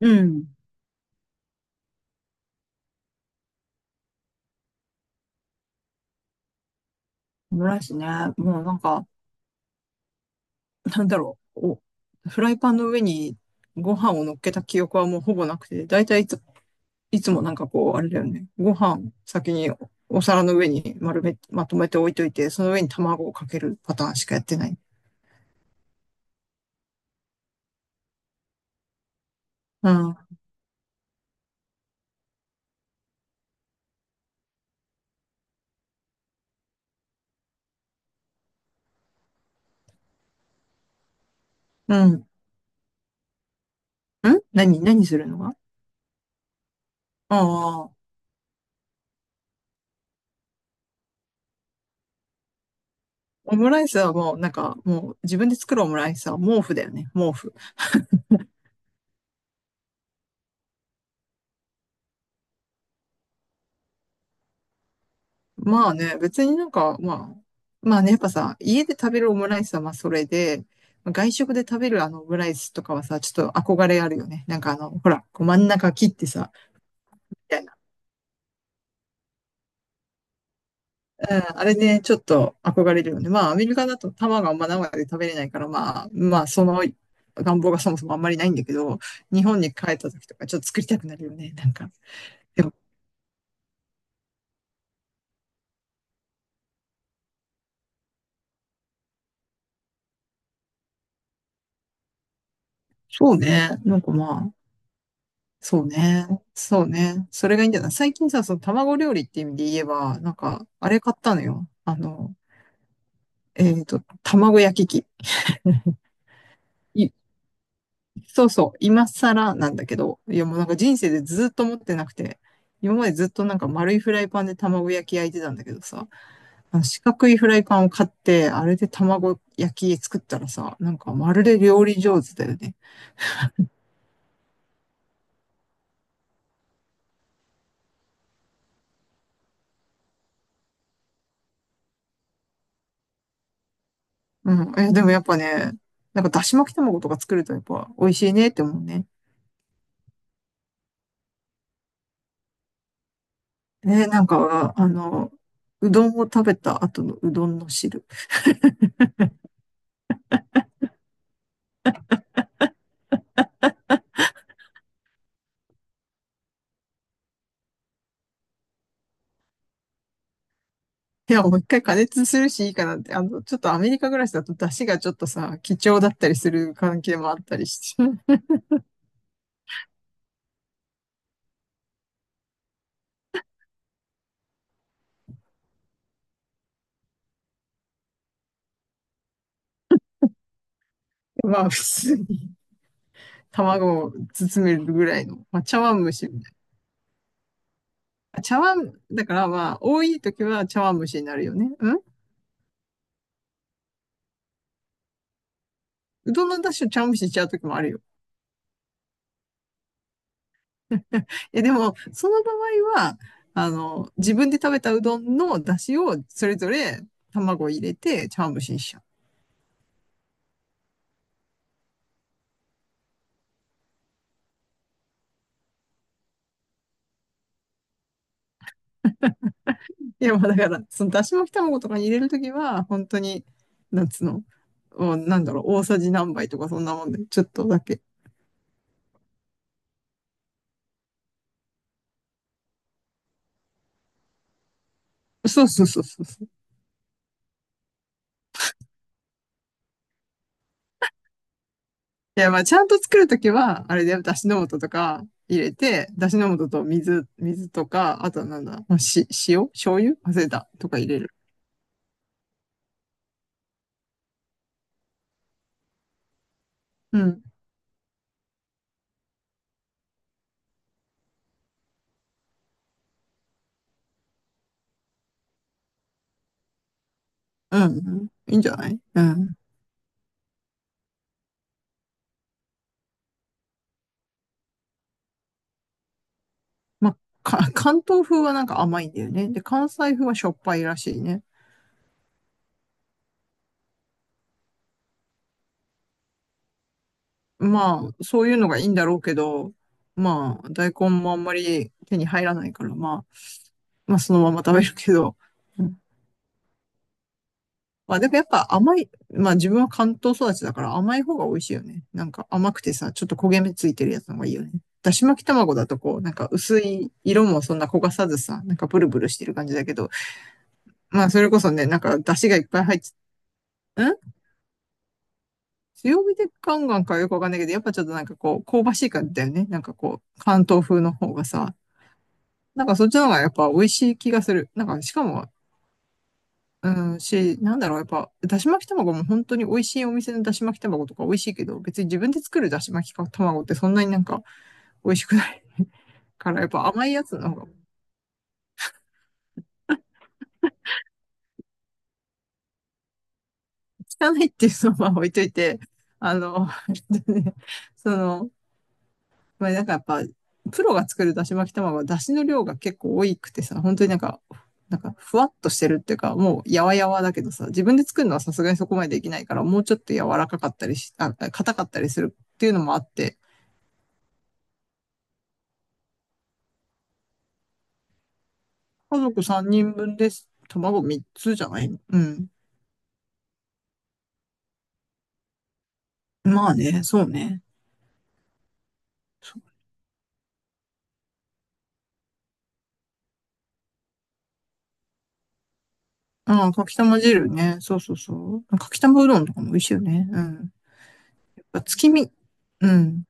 うん。オムライスね。もうなんか、なんだろう。お、フライパンの上にご飯を乗っけた記憶はもうほぼなくて、だいたいいつもなんかこう、あれだよね。ご飯先にお皿の上に丸め、まとめて置いといて、その上に卵をかけるパターンしかやってない。うん。うん。ん何、何するのが？ああー。オムライスはもうなんか、もう自分で作るオムライスは毛布だよね。毛布。まあね、別になんか、まあ、まあね、やっぱさ、家で食べるオムライスはまあそれで、外食で食べるあのオムライスとかはさ、ちょっと憧れあるよね。なんかあの、ほら、こう真ん中切ってさ、みたいな。うん、あれね、ちょっと憧れるよね。まあ、アメリカだと卵があんま生で食べれないから、まあ、まあ、その願望がそもそもあんまりないんだけど、日本に帰った時とかちょっと作りたくなるよね。なんか。でもそうね。なんかまあ、そうね。そうね。それがいいんじゃない？最近さ、その卵料理っていう意味で言えば、なんか、あれ買ったのよ。あの、えっと、卵焼き器。い、そうそう、今更なんだけど、いやもうなんか人生でずっと持ってなくて、今までずっとなんか丸いフライパンで卵焼き焼いてたんだけどさ、あの四角いフライパンを買って、あれで卵焼き作ったらさ、なんかまるで料理上手だよね。うん。え、でもやっぱね、なんかだし巻き卵とか作るとやっぱ美味しいねって思うね。えーなんか、あの、うどんを食べた後のうどんの汁。いや、もう一回加熱するしいいかなって。あの、ちょっとアメリカ暮らしだと出汁がちょっとさ、貴重だったりする関係もあったりして。まあ、普通に卵を包めるぐらいの、まあ、茶碗蒸しみたいな。茶碗、だからまあ、多い時は茶碗蒸しになるよね。うん。うどんの出汁を茶碗蒸しにしちゃう時もあるよ。え、でも、その場合は、あの、自分で食べたうどんの出汁をそれぞれ卵を入れて茶碗蒸しにしちゃう。いや、まあだから、そのだし巻き卵とかに入れるときは、本当に、なんつうの、もうなんだろう、大さじ何杯とかそんなもんで、ちょっとだけ。そうそうそうそうそう。いや、まあちゃんと作るときは、あれだよ、だしの素とか入れて、だしの素と水とか、あとはなんだ、まあ、し、塩醤油忘れた。とか入れる。うん。うん、うん。いいんじゃない？うん。まあ、か、関東風はなんか甘いんだよね。で、関西風はしょっぱいらしいね。まあ、そういうのがいいんだろうけど、まあ、大根もあんまり手に入らないから、まあ、まあ、そのまま食べるけど。うん。まあ、でもやっぱ甘い、まあ自分は関東育ちだから甘い方が美味しいよね。なんか甘くてさ、ちょっと焦げ目ついてるやつの方がいいよね。だし巻き卵だとこう、なんか薄い色もそんな焦がさずさ、なんかブルブルしてる感じだけど、まあそれこそね、なんか出汁がいっぱい入って、ん強火でガンガンかよくわかんないけど、やっぱちょっとなんかこう、香ばしい感じだよね。なんかこう、関東風の方がさ、なんかそっちの方がやっぱ美味しい気がする。なんかしかも、うん、し、なんだろう、やっぱ、だし巻き卵も本当に美味しいお店のだし巻き卵とか美味しいけど、別に自分で作るだし巻き卵ってそんなになんか美味しくないから、やっぱ甘いやつの方が。汚いっていうのは置いといて、あの、その、まあなんかやっぱ、プロが作るだし巻き卵は、だしの量が結構多くてさ、本当になんか、なんか、ふわっとしてるっていうか、もう、やわやわだけどさ、自分で作るのはさすがにそこまでできないから、もうちょっと柔らかかったりし、あ、硬かったりするっていうのもあって、家族3人分です。卵3つじゃない？うん。まあね、そうね。そう。ああ、かきたま汁ね。そうそうそう。かきたまうどんとかも美味しいよね。うん。やっぱ月見。うん。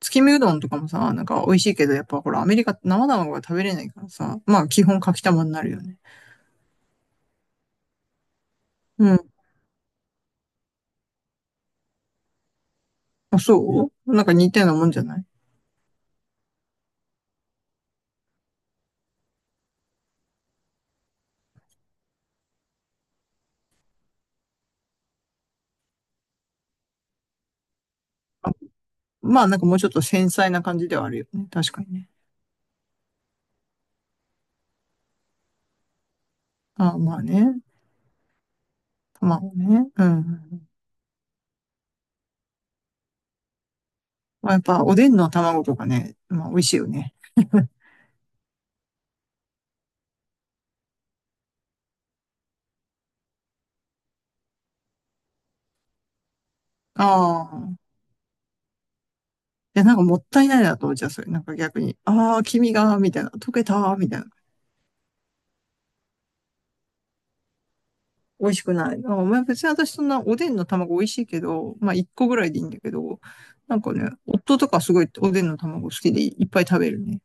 月見うどんとかもさ、なんか美味しいけど、やっぱほら、アメリカって生卵が食べれないからさ、まあ基本かきたまになるよね。うん。あ、そう？なんか似たようなもんじゃない？まあなんかもうちょっと繊細な感じではあるよね。確かにね。あまあね。卵ね。うん。まあやっぱおでんの卵とかね、まあ美味しいよね。ああ。いや、なんかもったいないなと思っちゃう、それ。なんか逆に。ああ、黄身が、みたいな。溶けた、みたいな。美味しくない。なんかまあ別に私そんなおでんの卵美味しいけど、まあ一個ぐらいでいいんだけど、なんかね、夫とかすごいおでんの卵好きでいっぱい食べるね。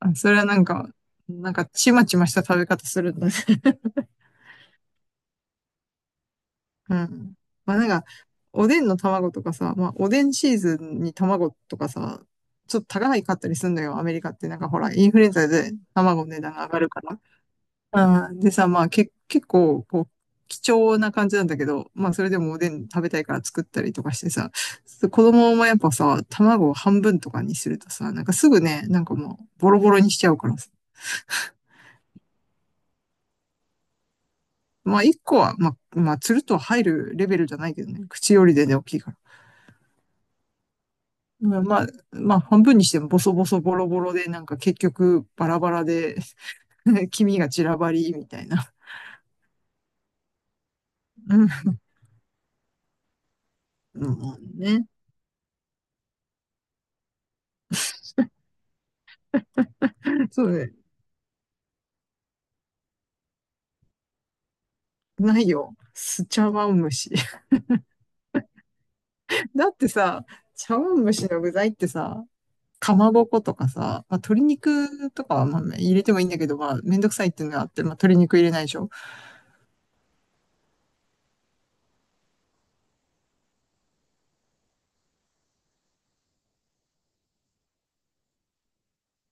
あ、それはなんか、なんかちまちました食べ方するんだね。うん。まあなんか、おでんの卵とかさ、まあおでんシーズンに卵とかさ、ちょっと高いかったりするのよ、アメリカって。なんかほら、インフルエンザで卵の値段が上がるから。あーでさ、まあけ、結構、こう、貴重な感じなんだけど、まあ、それでもおでん食べたいから作ったりとかしてさ、子供もやっぱさ、卵を半分とかにするとさ、なんかすぐね、なんかもう、ボロボロにしちゃうからさ。まあ、一個は、まあ、まあ、つるっと入るレベルじゃないけどね、口よりでね、大きいから。まあ、まあ、まあ半分にしてもボソボソボロボロで、なんか結局、バラバラで 黄身が散らばり、みたいな。うん。うん、ね。そうね。ないよ。スチャワムシ。だってさ、茶碗蒸しの具材ってさ、かまぼことかさ、まあ、鶏肉とかはまあ入れてもいいんだけど、まあ、めんどくさいっていうのがあって、まあ、鶏肉入れないでしょ。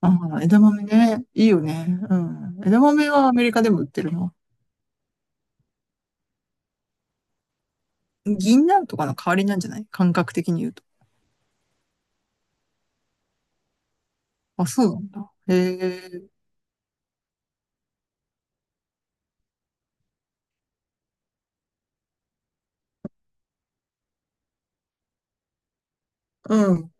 ああ、枝豆ね。いいよね。うん。枝豆はアメリカでも売ってるの？銀杏とかの代わりなんじゃない？感覚的に言うと。あ、そうなんだ。へえ。うん。